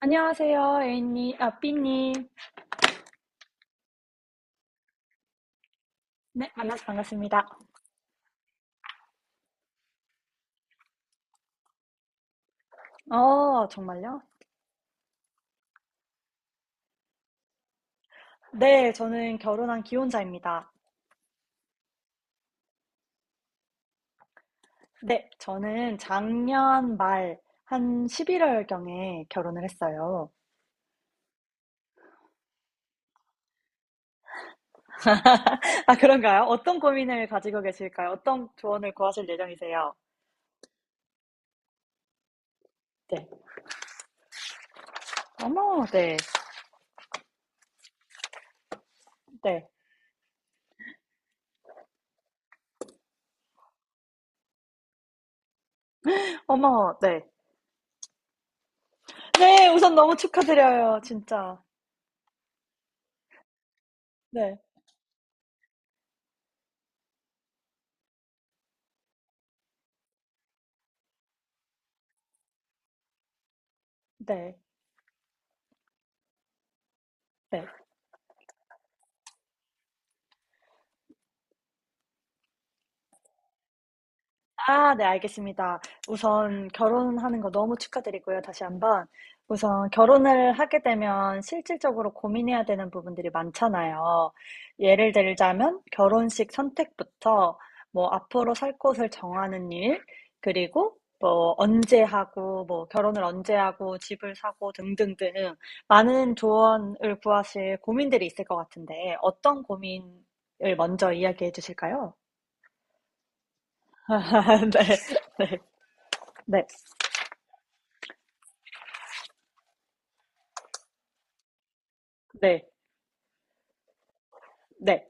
안녕하세요, A님, B님. 네, 만나서 반갑습니다. 어, 정말요? 네, 저는 결혼한 기혼자입니다. 네, 저는 작년 말, 한 11월경에 결혼을 했어요. 아, 그런가요? 어떤 고민을 가지고 계실까요? 어떤 조언을 구하실 예정이세요? 네. 어머, 네. 네. 어머, 네. 네, 우선 너무 축하드려요, 진짜. 네, 네, 네. 아, 네, 알겠습니다. 우선 결혼하는 거 너무 축하드리고요, 다시 한번. 우선 결혼을 하게 되면 실질적으로 고민해야 되는 부분들이 많잖아요. 예를 들자면 결혼식 선택부터 뭐 앞으로 살 곳을 정하는 일, 그리고 뭐 언제 하고 뭐 결혼을 언제 하고 집을 사고 등등등 많은 조언을 구하실 고민들이 있을 것 같은데 어떤 고민을 먼저 이야기해 주실까요? 네. 네. 네. 네. 네.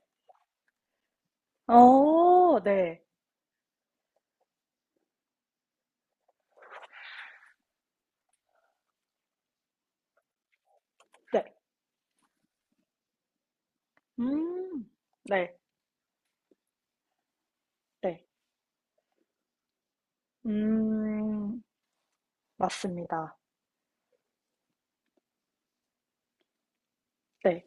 어, 네. 네. 음. 네. 네. 음. 맞습니다. 네.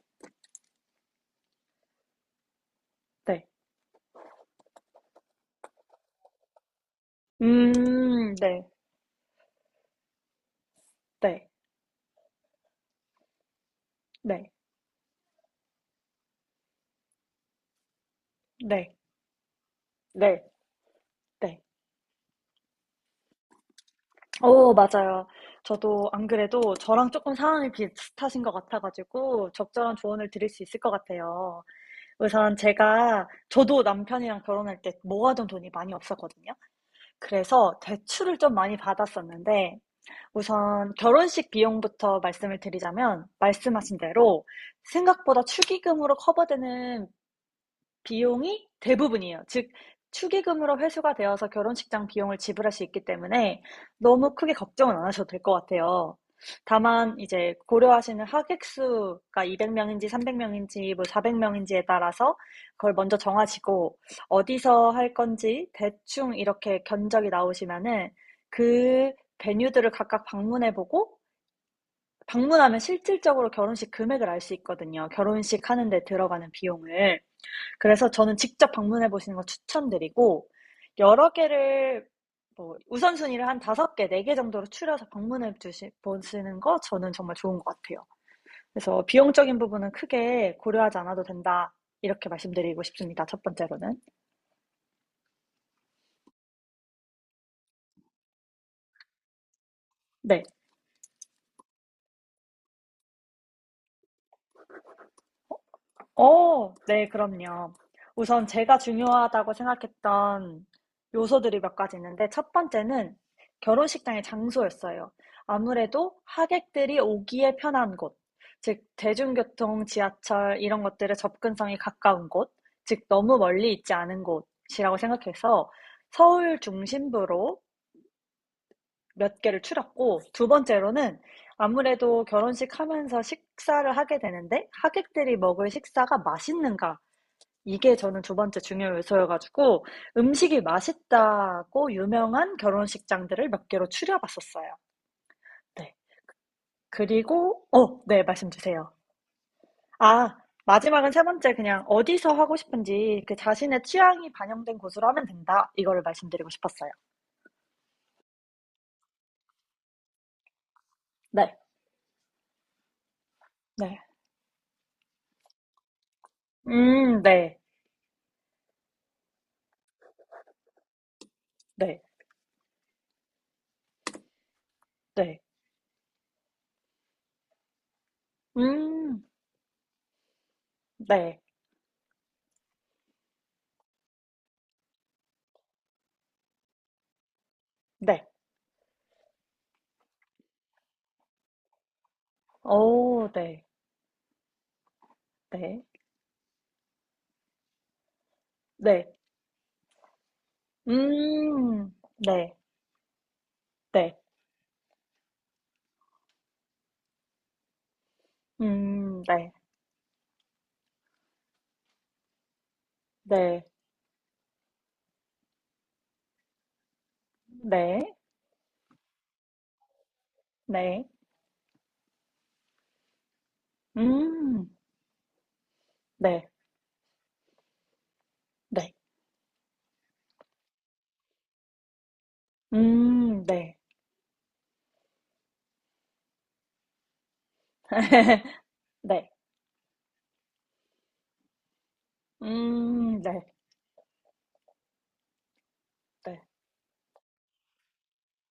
네. 음. 네. 네. 네. 네. 네. 네. 어, 맞아요. 저도 안 그래도 저랑 조금 상황이 비슷하신 것 같아 가지고 적절한 조언을 드릴 수 있을 것 같아요. 우선 제가 저도 남편이랑 결혼할 때 모아둔 돈이 많이 없었거든요. 그래서 대출을 좀 많이 받았었는데 우선 결혼식 비용부터 말씀을 드리자면, 말씀하신 대로 생각보다 축의금으로 커버되는 비용이 대부분이에요. 즉, 축의금으로 회수가 되어서 결혼식장 비용을 지불할 수 있기 때문에 너무 크게 걱정은 안 하셔도 될 것 같아요. 다만 이제 고려하시는 하객 수가 200명인지 300명인지 뭐 400명인지에 따라서 그걸 먼저 정하시고 어디서 할 건지 대충 이렇게 견적이 나오시면은 그 베뉴들을 각각 방문해 보고, 방문하면 실질적으로 결혼식 금액을 알 수 있거든요. 결혼식 하는데 들어가는 비용을. 그래서 저는 직접 방문해 보시는 거 추천드리고, 여러 개를 뭐 우선순위를 한 다섯 개, 네 개 정도로 추려서 보시는 거 저는 정말 좋은 것 같아요. 그래서 비용적인 부분은 크게 고려하지 않아도 된다. 이렇게 말씀드리고 싶습니다. 첫 번째로는. 네. 어, 네, 그럼요. 우선 제가 중요하다고 생각했던 요소들이 몇 가지 있는데, 첫 번째는 결혼식장의 장소였어요. 아무래도 하객들이 오기에 편한 곳, 즉, 대중교통, 지하철, 이런 것들의 접근성이 가까운 곳, 즉, 너무 멀리 있지 않은 곳이라고 생각해서 서울 중심부로 몇 개를 추렸고, 두 번째로는 아무래도 결혼식 하면서 식사를 하게 되는데, 하객들이 먹을 식사가 맛있는가, 이게 저는 두 번째 중요 요소여가지고 음식이 맛있다고 유명한 결혼식장들을 몇 개로 추려봤었어요. 네. 그리고, 어, 네, 말씀 주세요. 아, 마지막은 세 번째, 그냥 어디서 하고 싶은지 그 자신의 취향이 반영된 곳으로 하면 된다. 이거를 말씀드리고 싶었어요. 네, 네. 네, 네, 네. 음, 네, 네. 오, 네, 네, 네. 음, 네, 네. 네, 네. 네, 네, 음, 네, 네, 네, 네, 네, 네,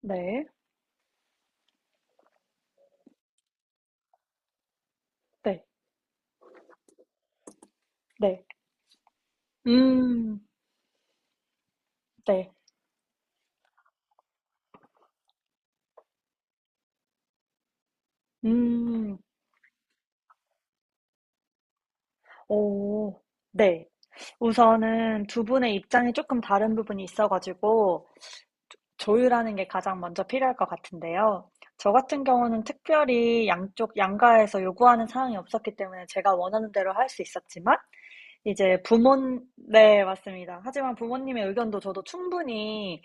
네, 네, 네, 음, 네, 음, 오, 네. 우선은 두 분의 입장이 조금 다른 부분이 있어가지고 조율하는 게 가장 먼저 필요할 것 같은데요. 저 같은 경우는 특별히 양쪽 양가에서 요구하는 사항이 없었기 때문에 제가 원하는 대로 할 수 있었지만, 이제 부모님, 네, 맞습니다. 하지만 부모님의 의견도 저도 충분히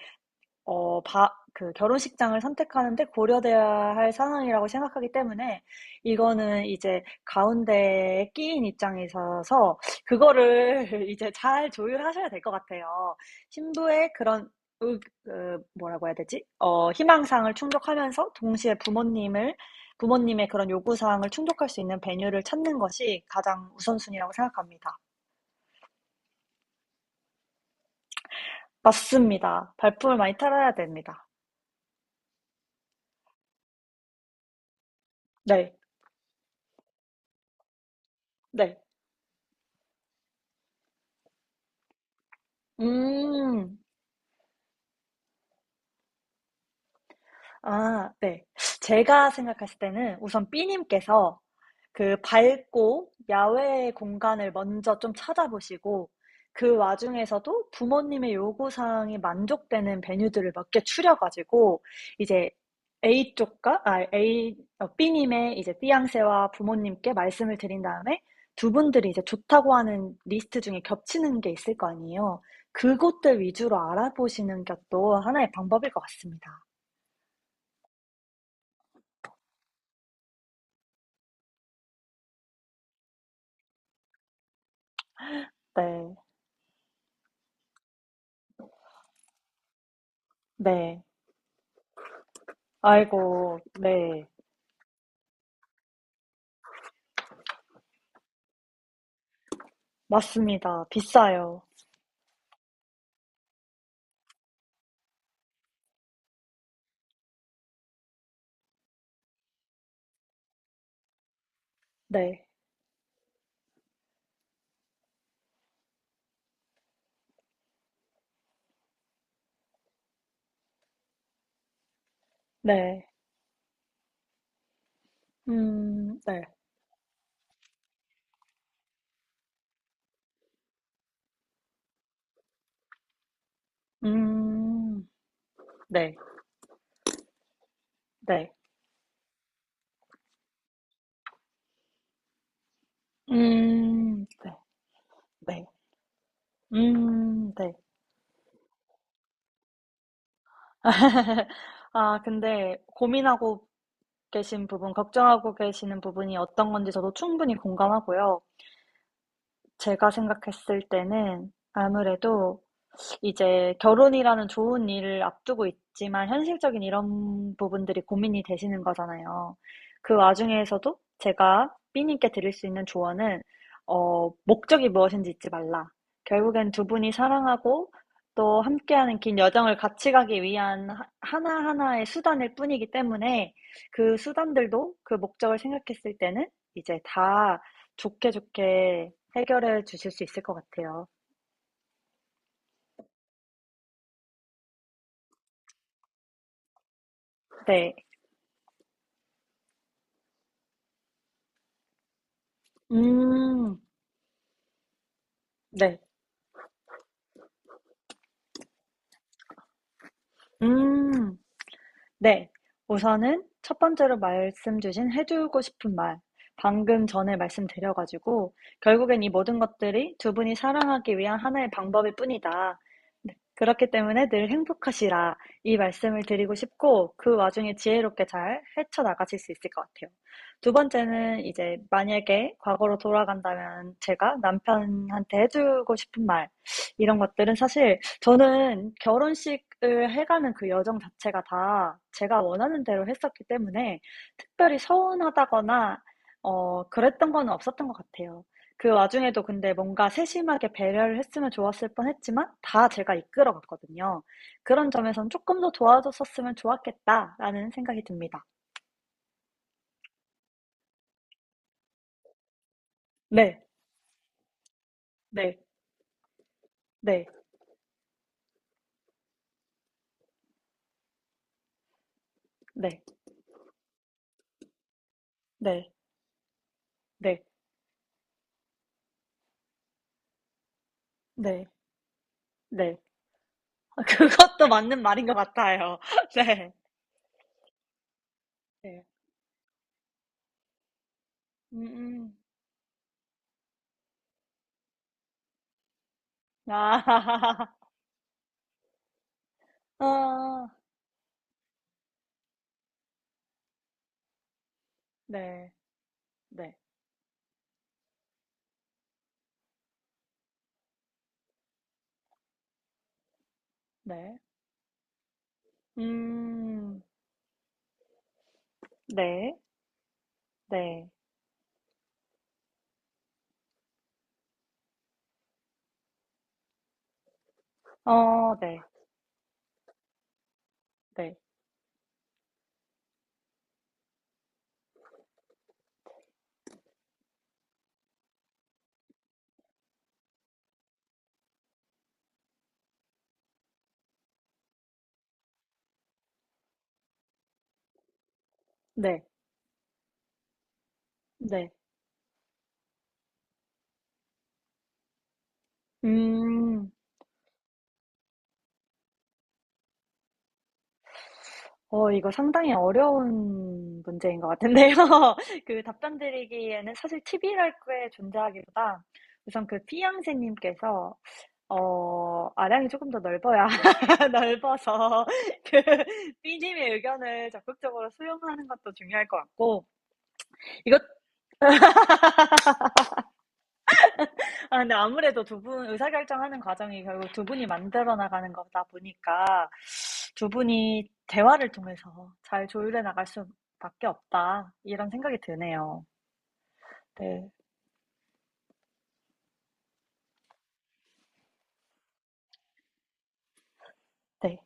어 바 그 결혼식장을 선택하는 데 고려되어야 할 상황이라고 생각하기 때문에, 이거는 이제 가운데에 끼인 입장이셔서 그거를 이제 잘 조율하셔야 될 것 같아요. 신부의 그런 의 그 뭐라고 해야 되지? 어, 희망사항을 충족하면서 동시에 부모님을 부모님의 그런 요구사항을 충족할 수 있는 배뉴를 찾는 것이 가장 우선순위라고 생각합니다. 맞습니다. 발품을 많이 팔아야 됩니다. 네. 네. 음. 아, 네. 제가 생각했을 때는 우선 B 님께서 그 밝고 야외 공간을 먼저 좀 찾아보시고, 그 와중에서도 부모님의 요구 사항이 만족되는 베뉴들을 몇 개 추려 가지고 이제 A 쪽과 아 A 어 B 님의 이제 띠양 a 와 부모님께 말씀을 드린 다음에 두 분들이 이제 좋다고 하는 리스트 중에 겹치는 게 있을 거 아니에요. 그곳들 위주로 알아보시는 것도 하나의 방법일 것 같습니다. 네. 네. 아이고, 네. 맞습니다. 비싸요. 네. 네. 네. 음, 네. 네. 네. 네. 네. 아, 근데 고민하고 계신 부분, 걱정하고 계시는 부분이 어떤 건지 저도 충분히 공감하고요. 제가 생각했을 때는 아무래도 이제 결혼이라는 좋은 일을 앞두고 있지만 현실적인 이런 부분들이 고민이 되시는 거잖아요. 그 와중에서도 제가 b 님께 드릴 수 있는 조언은 어, 목적이 무엇인지 잊지 말라. 결국엔 두 분이 사랑하고 또 함께하는 긴 여정을 같이 가기 위한 하나하나의 수단일 뿐이기 때문에 그 수단들도 그 목적을 생각했을 때는 이제 다 좋게 좋게 해결해 주실 수 있을 것 같아요. 네. 음. 네. 음. 네. 우선은 첫 번째로 말씀 주신 해주고 싶은 말. 방금 전에 말씀드려 가지고 결국엔 이 모든 것들이 두 분이 사랑하기 위한 하나의 방법일 뿐이다. 네. 그렇기 때문에 늘 행복하시라. 이 말씀을 드리고 싶고 그 와중에 지혜롭게 잘 헤쳐나가실 수 있을 것 같아요. 두 번째는 이제 만약에 과거로 돌아간다면 제가 남편한테 해 주고 싶은 말, 이런 것들은 사실 저는 결혼식을 해가는 그 여정 자체가 다 제가 원하는 대로 했었기 때문에 특별히 서운하다거나 어, 그랬던 건 없었던 것 같아요. 그 와중에도 근데 뭔가 세심하게 배려를 했으면 좋았을 뻔했지만 다 제가 이끌어 갔거든요. 그런 점에선 조금 더 도와줬었으면 좋았겠다라는 생각이 듭니다. 네, 네, 네, 네, 네, 네, 네, 네. 그것도 맞는 말인 것 같아요. 네, 네. 음, 음. 아, 아, 네, 네, 네. 음, 네, 네. 어, 네, 네, 네, 네. 음, 어, 이거 상당히 어려운 문제인 것 같은데요. 그 답변 드리기에는 사실 팁이랄 게 존재하기보다 우선 그 피양새님께서, 어, 아량이 조금 더 넓어야, 넓어서 그 B님의 의견을 적극적으로 수용하는 것도 중요할 것 같고, 이 아, 근데 아무래도 두 분, 의사결정하는 과정이 결국 두 분이 만들어 나가는 거다 보니까 두 분이 대화를 통해서 잘 조율해 나갈 수밖에 없다. 이런 생각이 드네요. 네, 네,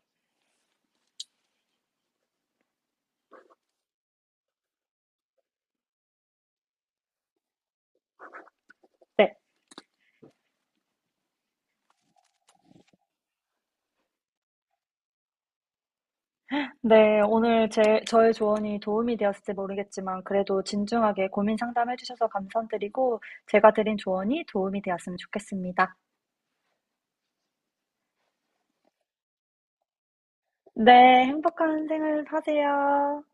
네. 네, 오늘 제, 저의 조언이 도움이 되었을지 모르겠지만 그래도 진중하게 고민 상담해 주셔서 감사드리고 제가 드린 조언이 도움이 되었으면 좋겠습니다. 네, 행복한 생활 하세요